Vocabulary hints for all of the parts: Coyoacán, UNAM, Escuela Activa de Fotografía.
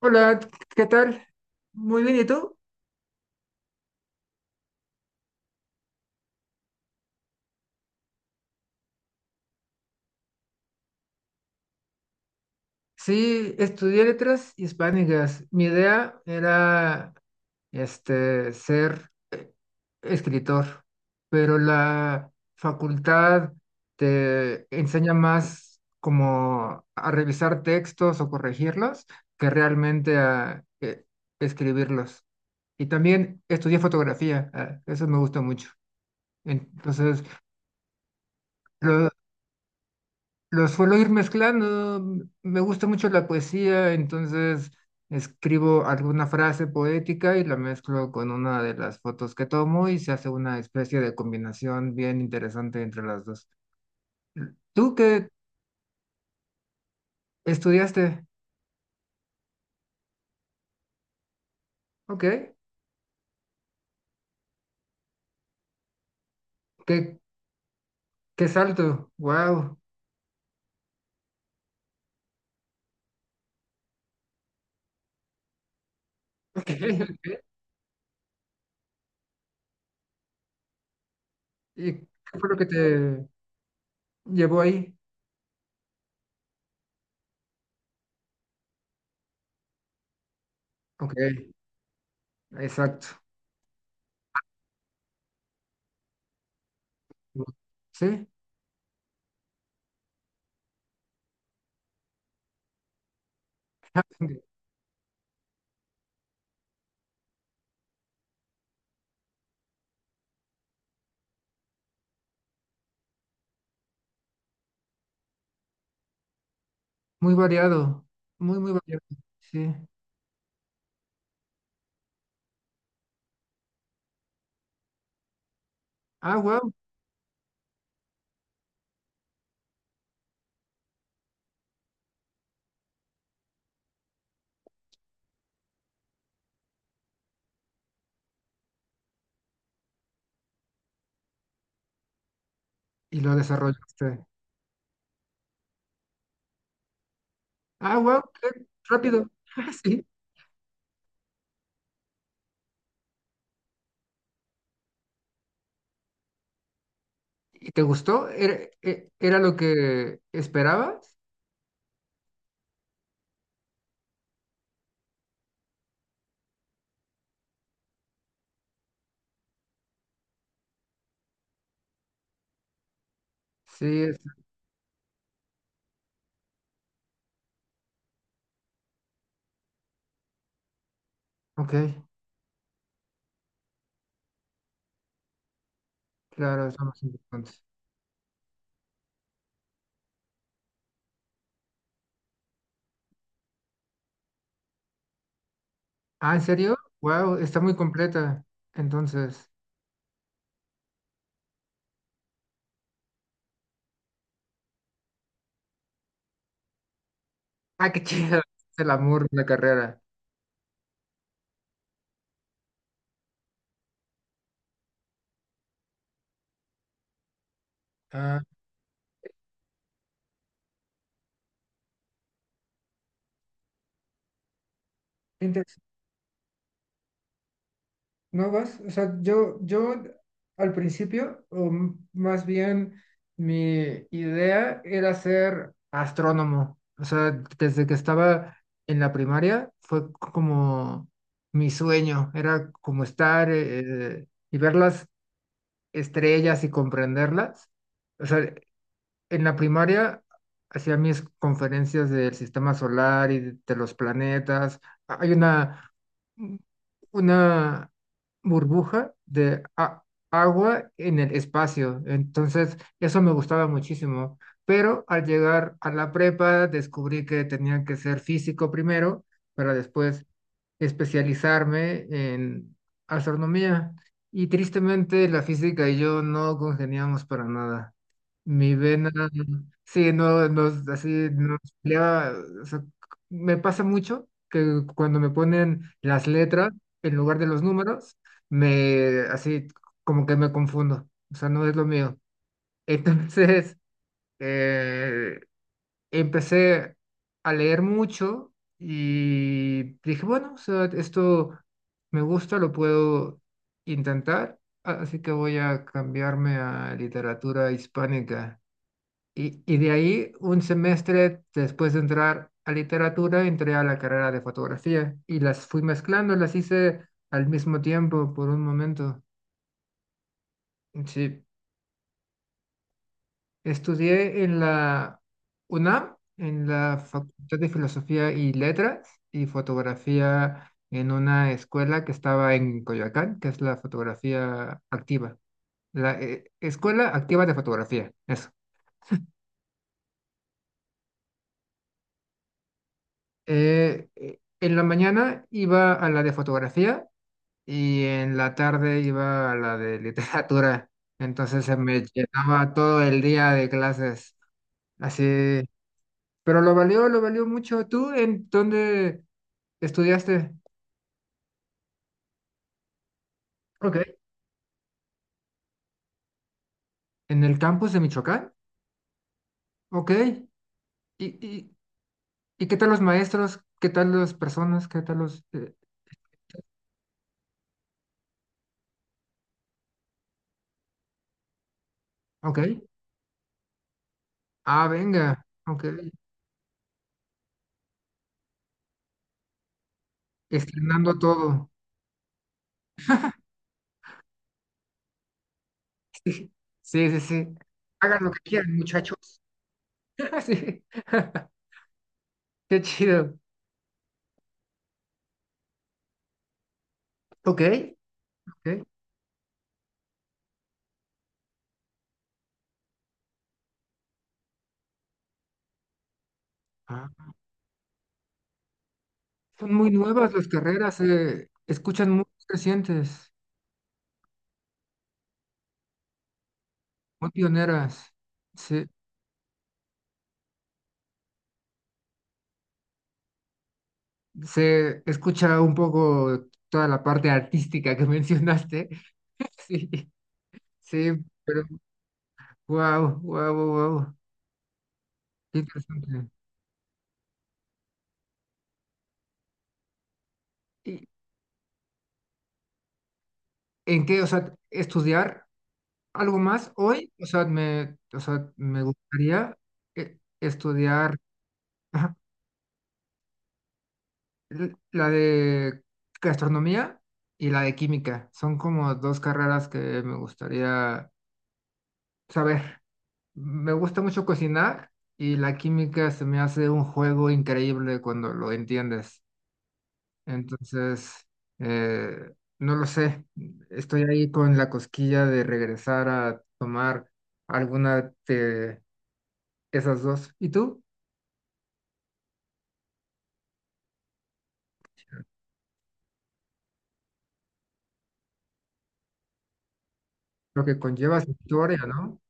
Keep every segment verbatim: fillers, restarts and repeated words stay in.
Hola, ¿qué tal? Muy bien, ¿y tú? Sí, estudié letras hispánicas. Mi idea era este, ser eh, escritor, pero la facultad te enseña más como a revisar textos o corregirlos que realmente a eh, escribirlos. Y también estudié fotografía, ah, eso me gusta mucho. Entonces, lo- los suelo ir mezclando, me gusta mucho la poesía, entonces escribo alguna frase poética y la mezclo con una de las fotos que tomo y se hace una especie de combinación bien interesante entre las dos. ¿Tú qué estudiaste? Ok, qué, qué salto, wow. Ok, ok. ¿Y qué fue lo que te llevó ahí? Ok, exacto. Sí, muy variado, muy, muy variado. Sí. Ah, wow. Y lo desarrollaste. Ah, wow, qué rápido. Sí. ¿Y te gustó? ¿Era, e- era lo que esperabas? Sí, es- ok, claro, eso más importante. Ah, ¿en serio? Wow, está muy completa. Entonces, ah, qué chido. Es el amor de la carrera. Ah, no vas, o sea, yo, yo al principio, o m- más bien mi idea era ser astrónomo. O sea, desde que estaba en la primaria fue c- como mi sueño, era como estar eh, y ver las estrellas y comprenderlas. O sea, en la primaria hacía mis conferencias del sistema solar y de de los planetas. Hay una una burbuja de a- agua en el espacio. Entonces, eso me gustaba muchísimo. Pero al llegar a la prepa, descubrí que tenía que ser físico primero para después especializarme en astronomía. Y tristemente, la física y yo no congeniamos para nada. Mi vena, sí, no, no, es así, no, es pelea, o sea, c- me pasa mucho que cuando me ponen las letras en lugar de los números, me, así, como que me confundo, o sea, no es lo mío. Entonces, eh, empecé a leer mucho y dije, bueno, o sea, esto me gusta, lo puedo intentar, a- así que voy a cambiarme a literatura hispánica. Y, y de ahí, un semestre después de entrar a literatura, entré a la carrera de fotografía y las fui mezclando, las hice al mismo tiempo por un momento. Sí, estudié en la U N A M, en la Facultad de Filosofía y Letras y fotografía en una escuela que estaba en Coyoacán, que es la fotografía activa, la eh, Escuela Activa de Fotografía, eso. Eh, eh, en la mañana iba a la de fotografía y en la tarde iba a la de literatura. Entonces se me llenaba todo el día de clases. Así, pero lo valió, lo valió mucho. ¿Tú en dónde estudiaste? Ok. ¿En el campus de Michoacán? Ok. ¿Y, y, y qué tal los maestros? ¿Qué tal las personas? ¿Qué tal los...? Eh, ok. Ah, venga. Ok. Estrenando todo. Sí, sí, sí. Hagan lo que quieran, muchachos. Sí. Qué chido. Ok. Ok. Ah, son muy nuevas las carreras, se escuchan muy recientes, muy pioneras. Se, se escucha un poco toda la parte artística que mencionaste. Sí, sí, pero wow, wow, wow, qué interesante. ¿Y en qué, o sea, estudiar algo más hoy? O sea, me, o sea, me gustaría eh, estudiar. Ajá. l- la de gastronomía y la de química. Son como dos carreras que me gustaría saber. Me gusta mucho cocinar y la química se me hace un juego increíble cuando lo entiendes. Entonces, eh, no lo sé. Estoy ahí con la cosquilla de regresar a tomar alguna de esas dos. ¿Y tú? Lo que conlleva su historia, ¿no?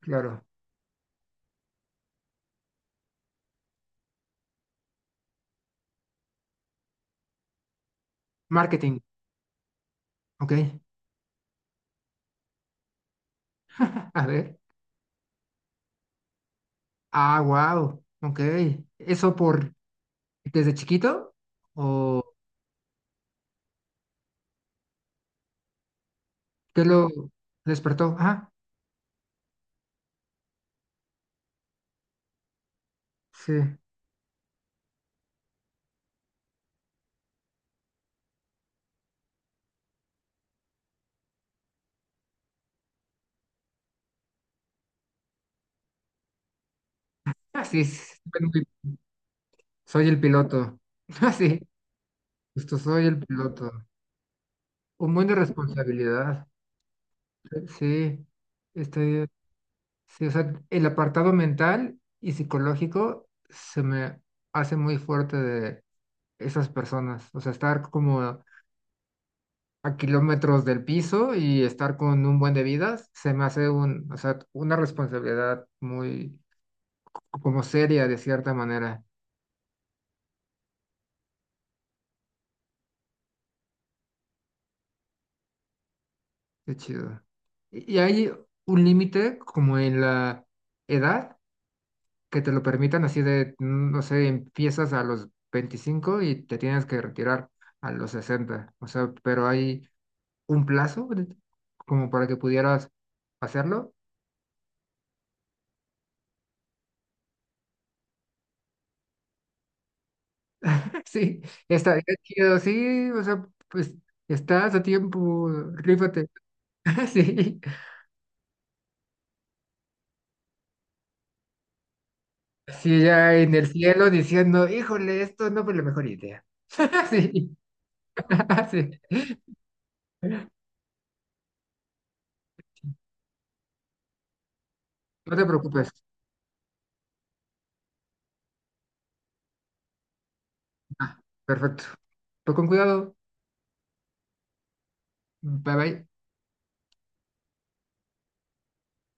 Claro. Marketing. Ok. A ver. Ah, wow, ok. ¿Eso por desde chiquito? ¿O qué lo despertó? Ah, sí. Ah, sí, sí, soy soy el piloto. Ah, sí, justo soy el piloto. Un buen de responsabilidad. Sí, estoy, sí, o sea, el apartado mental y psicológico se me hace muy fuerte de esas personas. O sea, estar como a kilómetros del piso y estar con un buen de vidas, se me hace un, o sea, una responsabilidad muy como seria de cierta manera. Qué chido. ¿Y y hay un límite como en la edad que te lo permitan así de, mm, no sé, empiezas a los veinticinco y te tienes que retirar a los sesenta? O sea, pero hay un plazo de- como para que pudieras hacerlo. Sí, estaría chido, sí, o sea, pues estás a tiempo, rífate. Sí, sí, ya en el cielo diciendo, híjole, esto no fue la mejor idea. Sí, sí, no te preocupes. Ah, perfecto. Pues con cuidado. Bye bye.